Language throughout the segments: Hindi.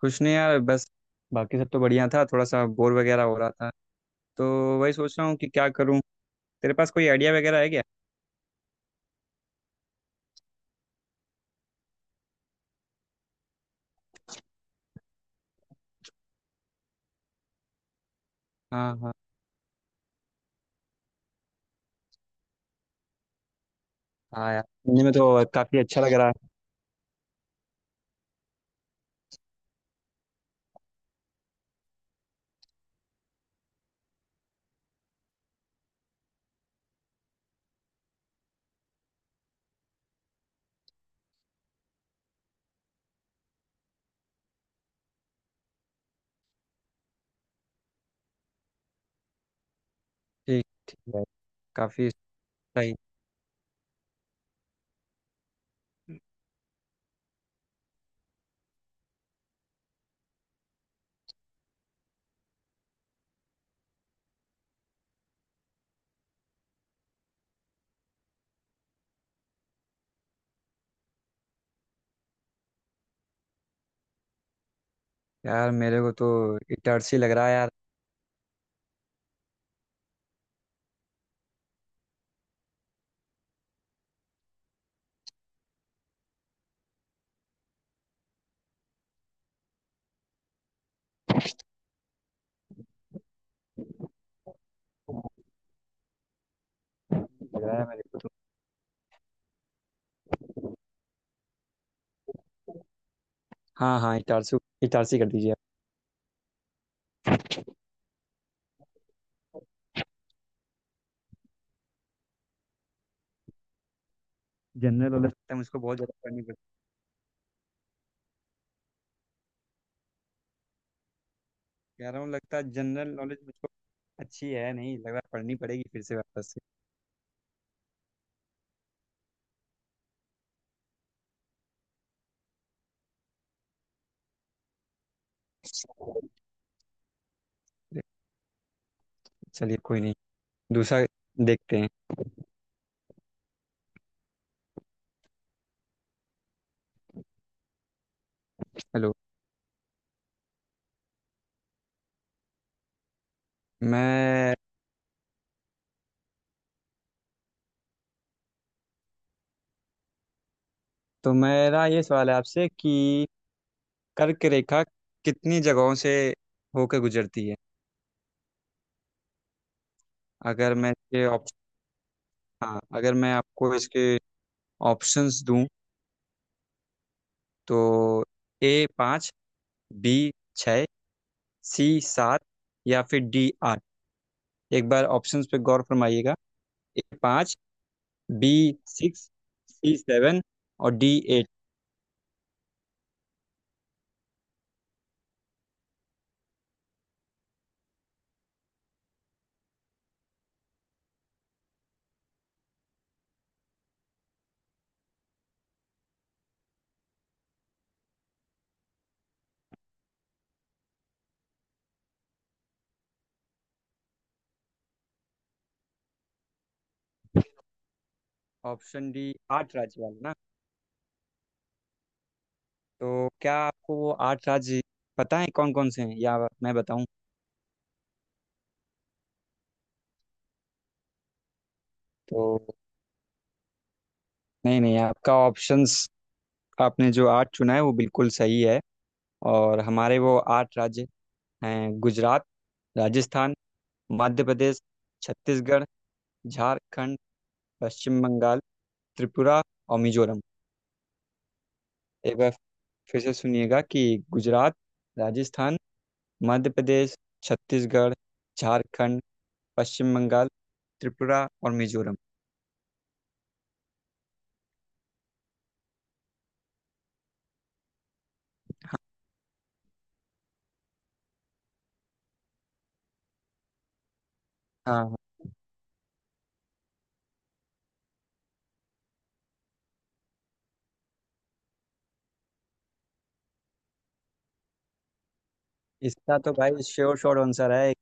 कुछ नहीं यार। बस बाकी सब तो बढ़िया था, थोड़ा सा बोर वगैरह हो रहा था। तो वही सोच रहा हूँ कि क्या करूँ। तेरे पास कोई आइडिया वगैरह है क्या? हाँ, हाँ। हाँ यार, सुनने में तो काफ़ी अच्छा लग रहा है। ठीक, ठीक है। काफ़ी सही। यार मेरे को तो इटारसी लग रहा है यार। लग रहा है मेरे को। हाँ, हाँ, इटारसी। इटारसी कर दीजिए आप। जनरल नॉलेज लगता है मुझको बहुत ज़्यादा पढ़नी पड़ती। कह रहा हूँ लगता है जनरल नॉलेज मुझको अच्छी है नहीं, लग रहा है पढ़नी पड़ेगी फिर से वापस से। चलिए, कोई नहीं। दूसरा देखते हैं। हेलो। मैं। तो मेरा ये सवाल है आपसे कि कर्क रेखा कितनी जगहों से होकर गुजरती है? अगर मैं इसके ऑप्शन, हाँ, अगर मैं आपको इसके ऑप्शंस दूं तो ए पाँच, बी छः, सी सात, या फिर डी आठ। एक बार ऑप्शंस पे गौर फरमाइएगा। ए पाँच, बी सिक्स, सी सेवन, और डी एट। ऑप्शन डी, आठ राज्य वाला ना? तो क्या आपको वो आठ राज्य पता है कौन कौन से हैं, या मैं बताऊं? तो नहीं, नहीं, आपका ऑप्शंस आपने जो आठ चुना है वो बिल्कुल सही है। और हमारे वो आठ राज्य हैं गुजरात, राजस्थान, मध्य प्रदेश, छत्तीसगढ़, झारखंड, पश्चिम बंगाल, त्रिपुरा और मिजोरम। एक बार फिर से सुनिएगा कि गुजरात, राजस्थान, मध्य प्रदेश, छत्तीसगढ़, झारखंड, पश्चिम बंगाल, त्रिपुरा और मिजोरम। हाँ, हाँ, इसका तो भाई श्योर श्योर आंसर है,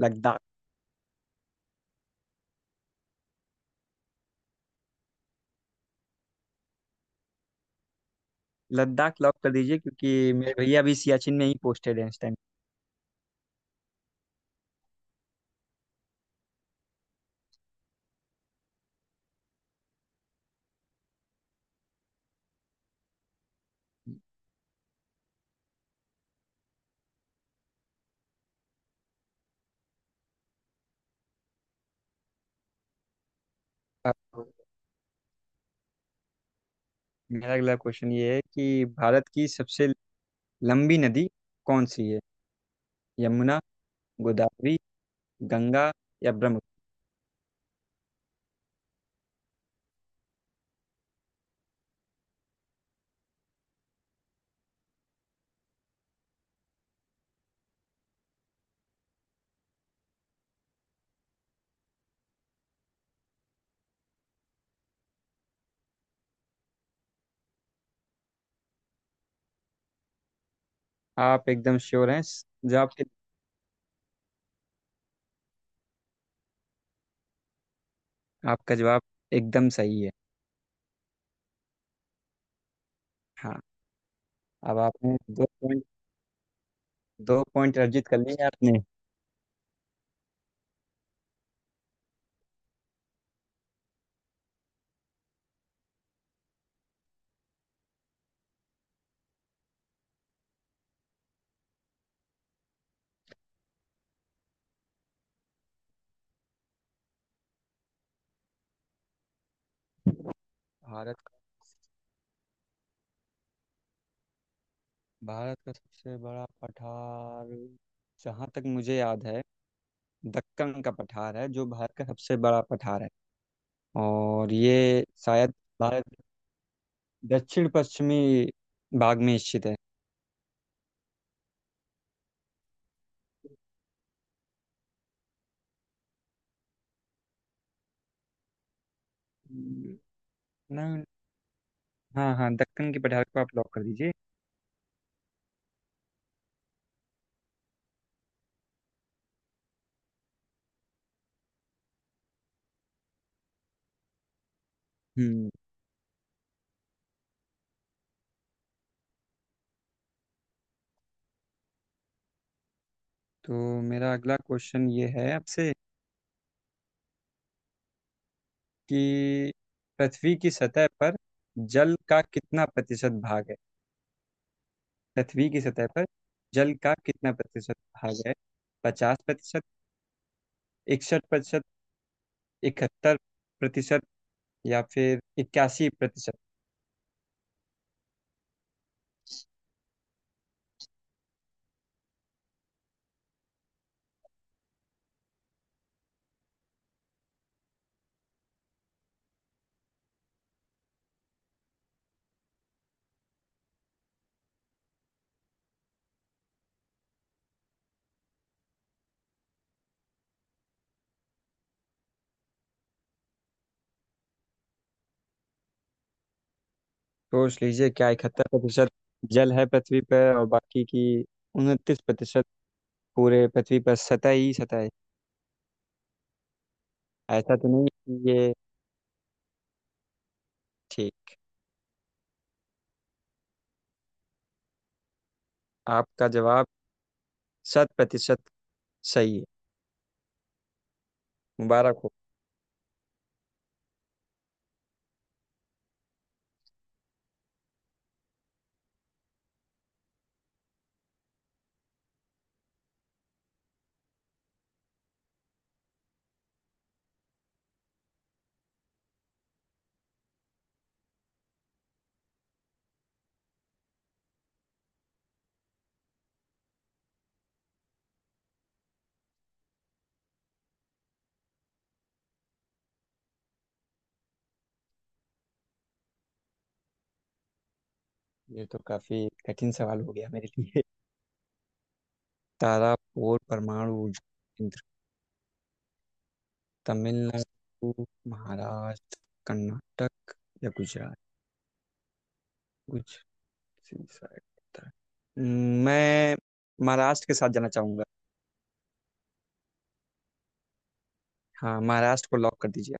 लद्दाख। लद्दाख लॉक कर दीजिए, क्योंकि मेरे भैया अभी सियाचिन में ही पोस्टेड हैं इस टाइम। अब मेरा अगला क्वेश्चन ये है कि भारत की सबसे लंबी नदी कौन सी है? यमुना, गोदावरी, गंगा या ब्रह्मपुत्र? आप एकदम श्योर हैं इस जवाब के? आपका जवाब एकदम सही है। हाँ। अब आपने दो पॉइंट अर्जित कर लिए आपने। भारत का भारत का सबसे बड़ा पठार। जहाँ तक मुझे याद है, दक्कन का पठार है जो भारत का सबसे बड़ा पठार है। और ये शायद भारत दक्षिण पश्चिमी भाग में स्थित है। हम्म। ना। हाँ, हाँ, दक्कन की पठार को आप लॉक कर दीजिए। हम्म तो मेरा अगला क्वेश्चन ये है आपसे कि पृथ्वी की सतह पर जल का कितना प्रतिशत भाग है? पृथ्वी की सतह पर जल का कितना प्रतिशत भाग है? 50%, 61%, 71% या फिर 81%? सोच लीजिए क्या 71% जल है पृथ्वी पर और बाकी की 29% पूरे पृथ्वी पर सतह ही सतह है। ऐसा तो नहीं है कि ये। ठीक। आपका जवाब शत प्रतिशत सही है। मुबारक हो। ये तो काफी कठिन सवाल हो गया मेरे लिए। तारापुर परमाणु ऊर्जा केंद्र। तमिलनाडु, महाराष्ट्र, कर्नाटक या गुजरात? कुछ शायद होता है। मैं महाराष्ट्र के साथ जाना चाहूंगा। हाँ, महाराष्ट्र को लॉक कर दीजिए।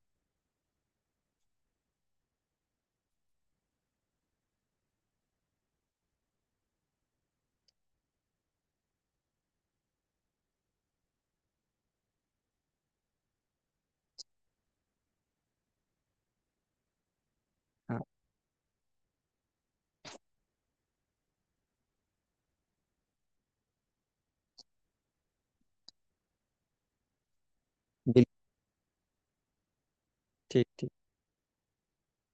बिल्कुल। ठीक, ठीक।